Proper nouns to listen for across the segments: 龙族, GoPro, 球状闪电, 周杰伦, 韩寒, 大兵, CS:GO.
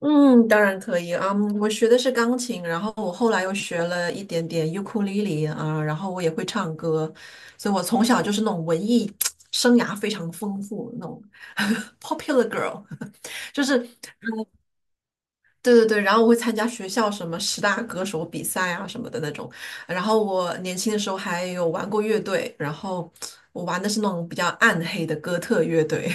嗯，当然可以啊。嗯我学的是钢琴，然后我后来又学了一点点尤克里里啊，然后我也会唱歌，所以我从小就是那种文艺 生涯非常丰富那种 popular girl，就是对对对。然后我会参加学校什么十大歌手比赛啊什么的那种。然后我年轻的时候还有玩过乐队，然后我玩的是那种比较暗黑的哥特乐队。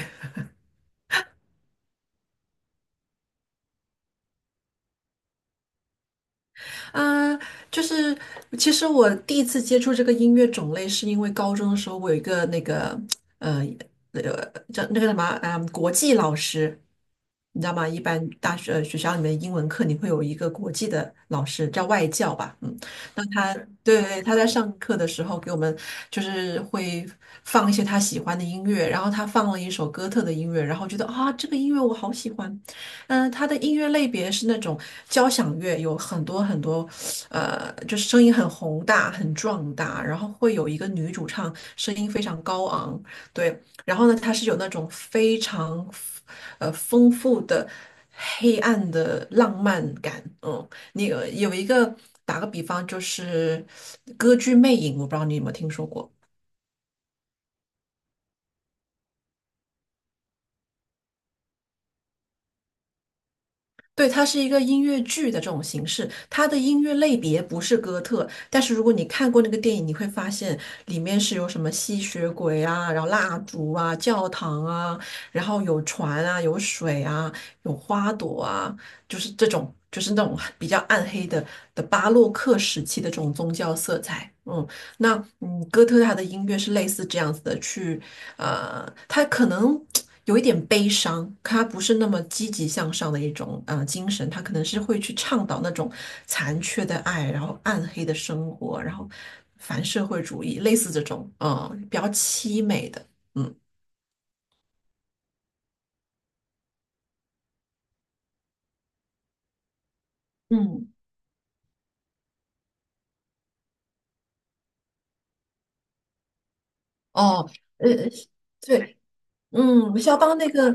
啊，就是其实我第一次接触这个音乐种类，是因为高中的时候我有一个那个呃呃叫那个什么国际老师，你知道吗？一般学校里面英文课你会有一个国际的老师，叫外教吧，嗯，那他对对他在上课的时候给我们就是会放一些他喜欢的音乐，然后他放了一首哥特的音乐，然后觉得啊这个音乐我好喜欢，嗯，它的音乐类别是那种交响乐，有很多很多，就是声音很宏大、很壮大，然后会有一个女主唱，声音非常高昂，对，然后呢，它是有那种非常，丰富的黑暗的浪漫感，嗯，你呃有一个打个比方，就是歌剧《魅影》，我不知道你有没有听说过。对，它是一个音乐剧的这种形式，它的音乐类别不是哥特，但是如果你看过那个电影，你会发现里面是有什么吸血鬼啊，然后蜡烛啊，教堂啊，然后有船啊，有水啊，有花朵啊，就是这种，就是那种比较暗黑的巴洛克时期的这种宗教色彩。嗯，那哥特他的音乐是类似这样子的，他可能有一点悲伤，他不是那么积极向上的一种精神，他可能是会去倡导那种残缺的爱，然后暗黑的生活，然后反社会主义，类似这种比较凄美的，嗯嗯，哦呃对，嗯，肖邦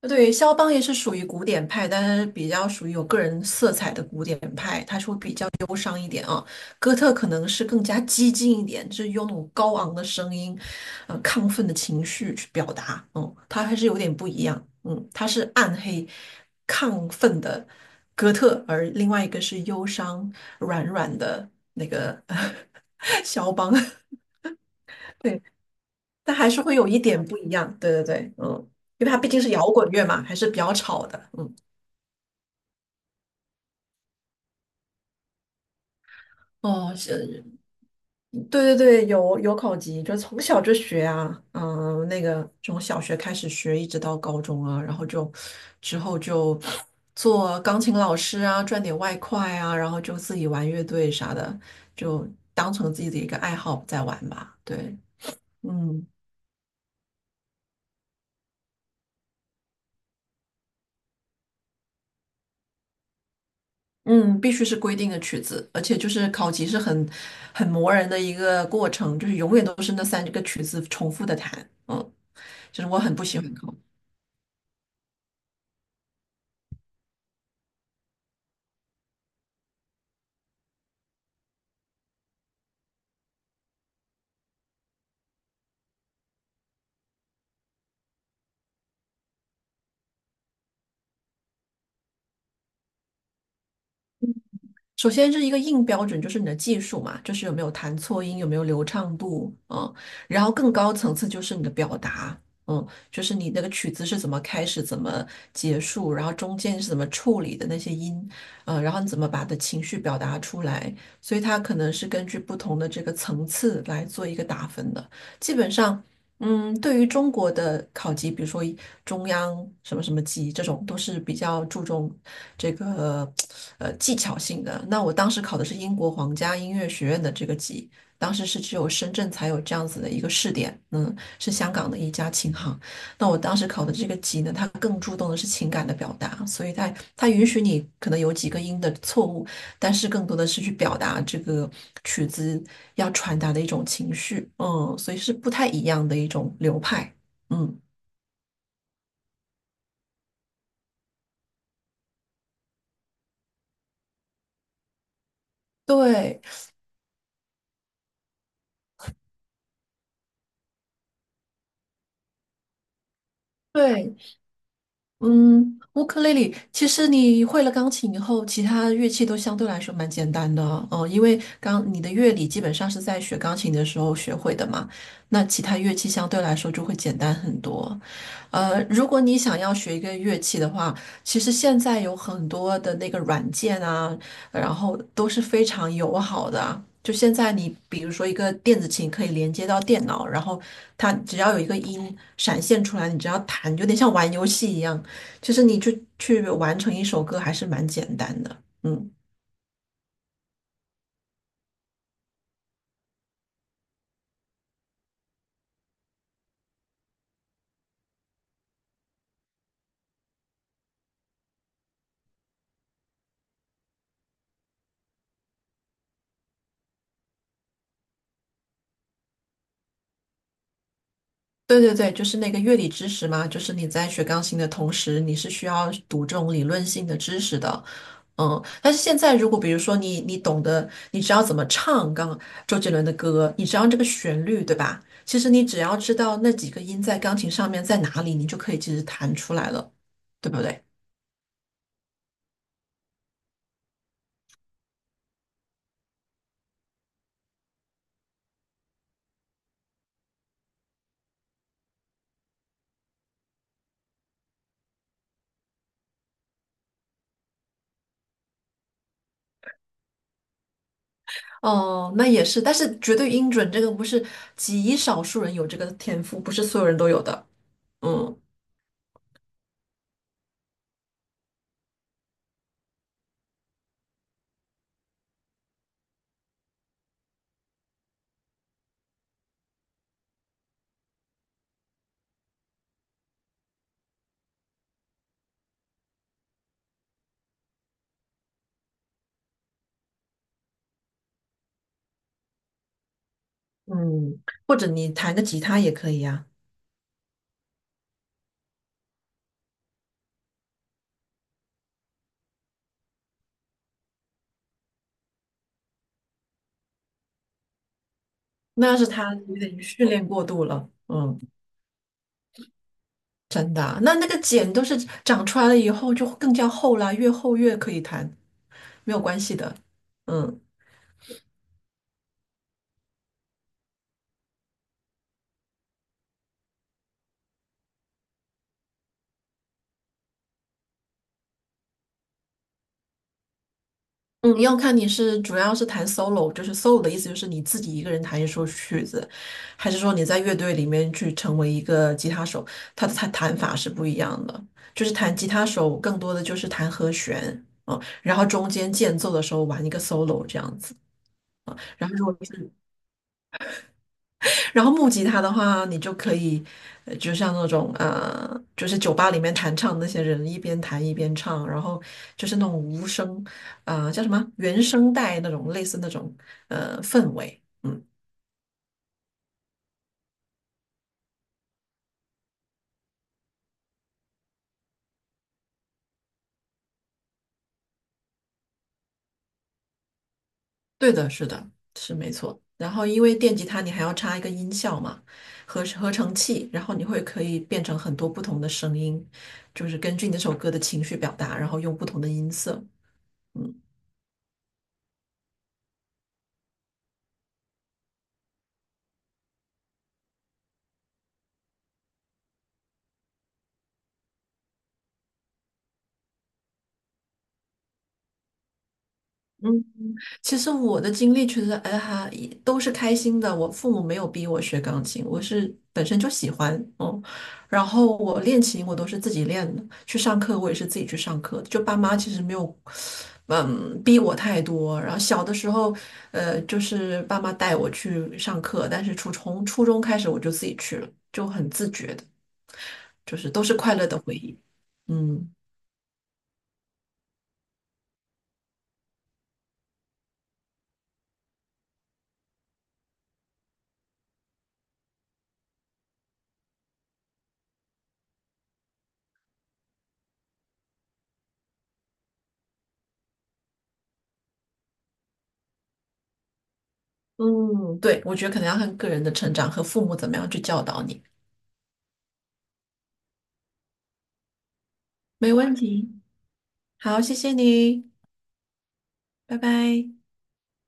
对，肖邦也是属于古典派，但是比较属于有个人色彩的古典派，他是会比较。哥特可能是更加激进一点，就是用那种高昂的声音，亢奋的情绪去表达。嗯，它还是有点不一样。嗯，它是暗黑、亢奋的哥特，而另外一个是忧伤、软软的那个 肖邦。对，但还是会有一点不一样。对对对，嗯，因为它毕竟是摇滚乐嘛，还是比较吵的。嗯，哦，是对对对，有考级，就从小就学啊，嗯，那个从小学开始学，一直到高中啊，然后就之后就做钢琴老师啊，赚点外快啊，然后就自己玩乐队啥的，就当成自己的一个爱好在玩吧。对，嗯嗯，必须是规定的曲子，而且就是考级是很磨人的一个过程，就是永远都是那三个曲子重复的弹，嗯，就是我很不喜欢考。首先是一个硬标准，就是你的技术嘛，就是有没有弹错音，有没有流畅度，嗯，然后更高层次就是你的表达，嗯，就是你那个曲子是怎么开始，怎么结束，然后中间是怎么处理的那些音，嗯，然后你怎么把的情绪表达出来，所以它可能是根据不同的这个层次来做一个打分的。基本上嗯，对于中国的考级，比如说中央什么什么级这种，都是比较注重这个技巧性的。那我当时考的是英国皇家音乐学院的这个级，当时是只有深圳才有这样子的一个试点，嗯，是香港的一家琴行。那我当时考的这个级呢，它更注重的是情感的表达，所以它允许你可能有几个音的错误，但是更多的是去表达这个曲子要传达的一种情绪，嗯，所以是不太一样的一种流派，嗯，对对，嗯，乌克丽丽，其实你会了钢琴以后，其他乐器都相对来说蛮简单的，嗯，因为你的乐理基本上是在学钢琴的时候学会的嘛，那其他乐器相对来说就会简单很多。如果你想要学一个乐器的话，其实现在有很多的那个软件啊，然后都是非常友好的啊。就现在你比如说一个电子琴可以连接到电脑，然后它只要有一个音闪现出来，你只要弹，有点像玩游戏一样。其实你就去完成一首歌还是蛮简单的，嗯，对对对，就是那个乐理知识嘛，就是你在学钢琴的同时，你是需要读这种理论性的知识的，嗯，但是现在如果比如说你懂得，你知道怎么唱周杰伦的歌，你知道这个旋律，对吧？其实你只要知道那几个音在钢琴上面在哪里，你就可以其实弹出来了，对不对？哦，那也是，但是绝对音准这个不是极少数人有这个天赋，不是所有人都有的，嗯。嗯，或者你弹个吉他也可以呀、那要是他有点训练过度了，嗯，真的啊那个茧都是长出来了以后就更加厚啦，越厚越可以弹，没有关系的。嗯嗯，要看主要是弹 solo，就是 solo 的意思就是你自己一个人弹一首曲子，还是说你在乐队里面去成为一个吉他手，它的弹法是不一样的。就是弹吉他手更多的就是弹和弦，嗯，然后中间间奏的时候玩一个 solo 这样子。然后如果是然后木吉他的话，你就可以，就像那种就是酒吧里面弹唱那些人一边弹一边唱，然后就是那种无声，叫什么原声带那种类似那种氛围。嗯，对的，是的，是没错。然后因为电吉他你还要插一个音效嘛，合成器，然后你会可以变成很多不同的声音，就是根据你那首歌的情绪表达，然后用不同的音色。嗯。其实我的经历其实，哎哈，也都是开心的。我父母没有逼我学钢琴，我是本身就喜欢，嗯。然后我练琴，我都是自己练的，去上课我也是自己去上课的就爸妈其实没有，嗯，逼我太多。然后小的时候，就是爸妈带我去上课，但是从初中开始我就自己去了，就很自觉的，就是都是快乐的回忆。嗯嗯，对，我觉得可能要看个人的成长和父母怎么样去教导你。没问题。好，谢谢你，拜拜。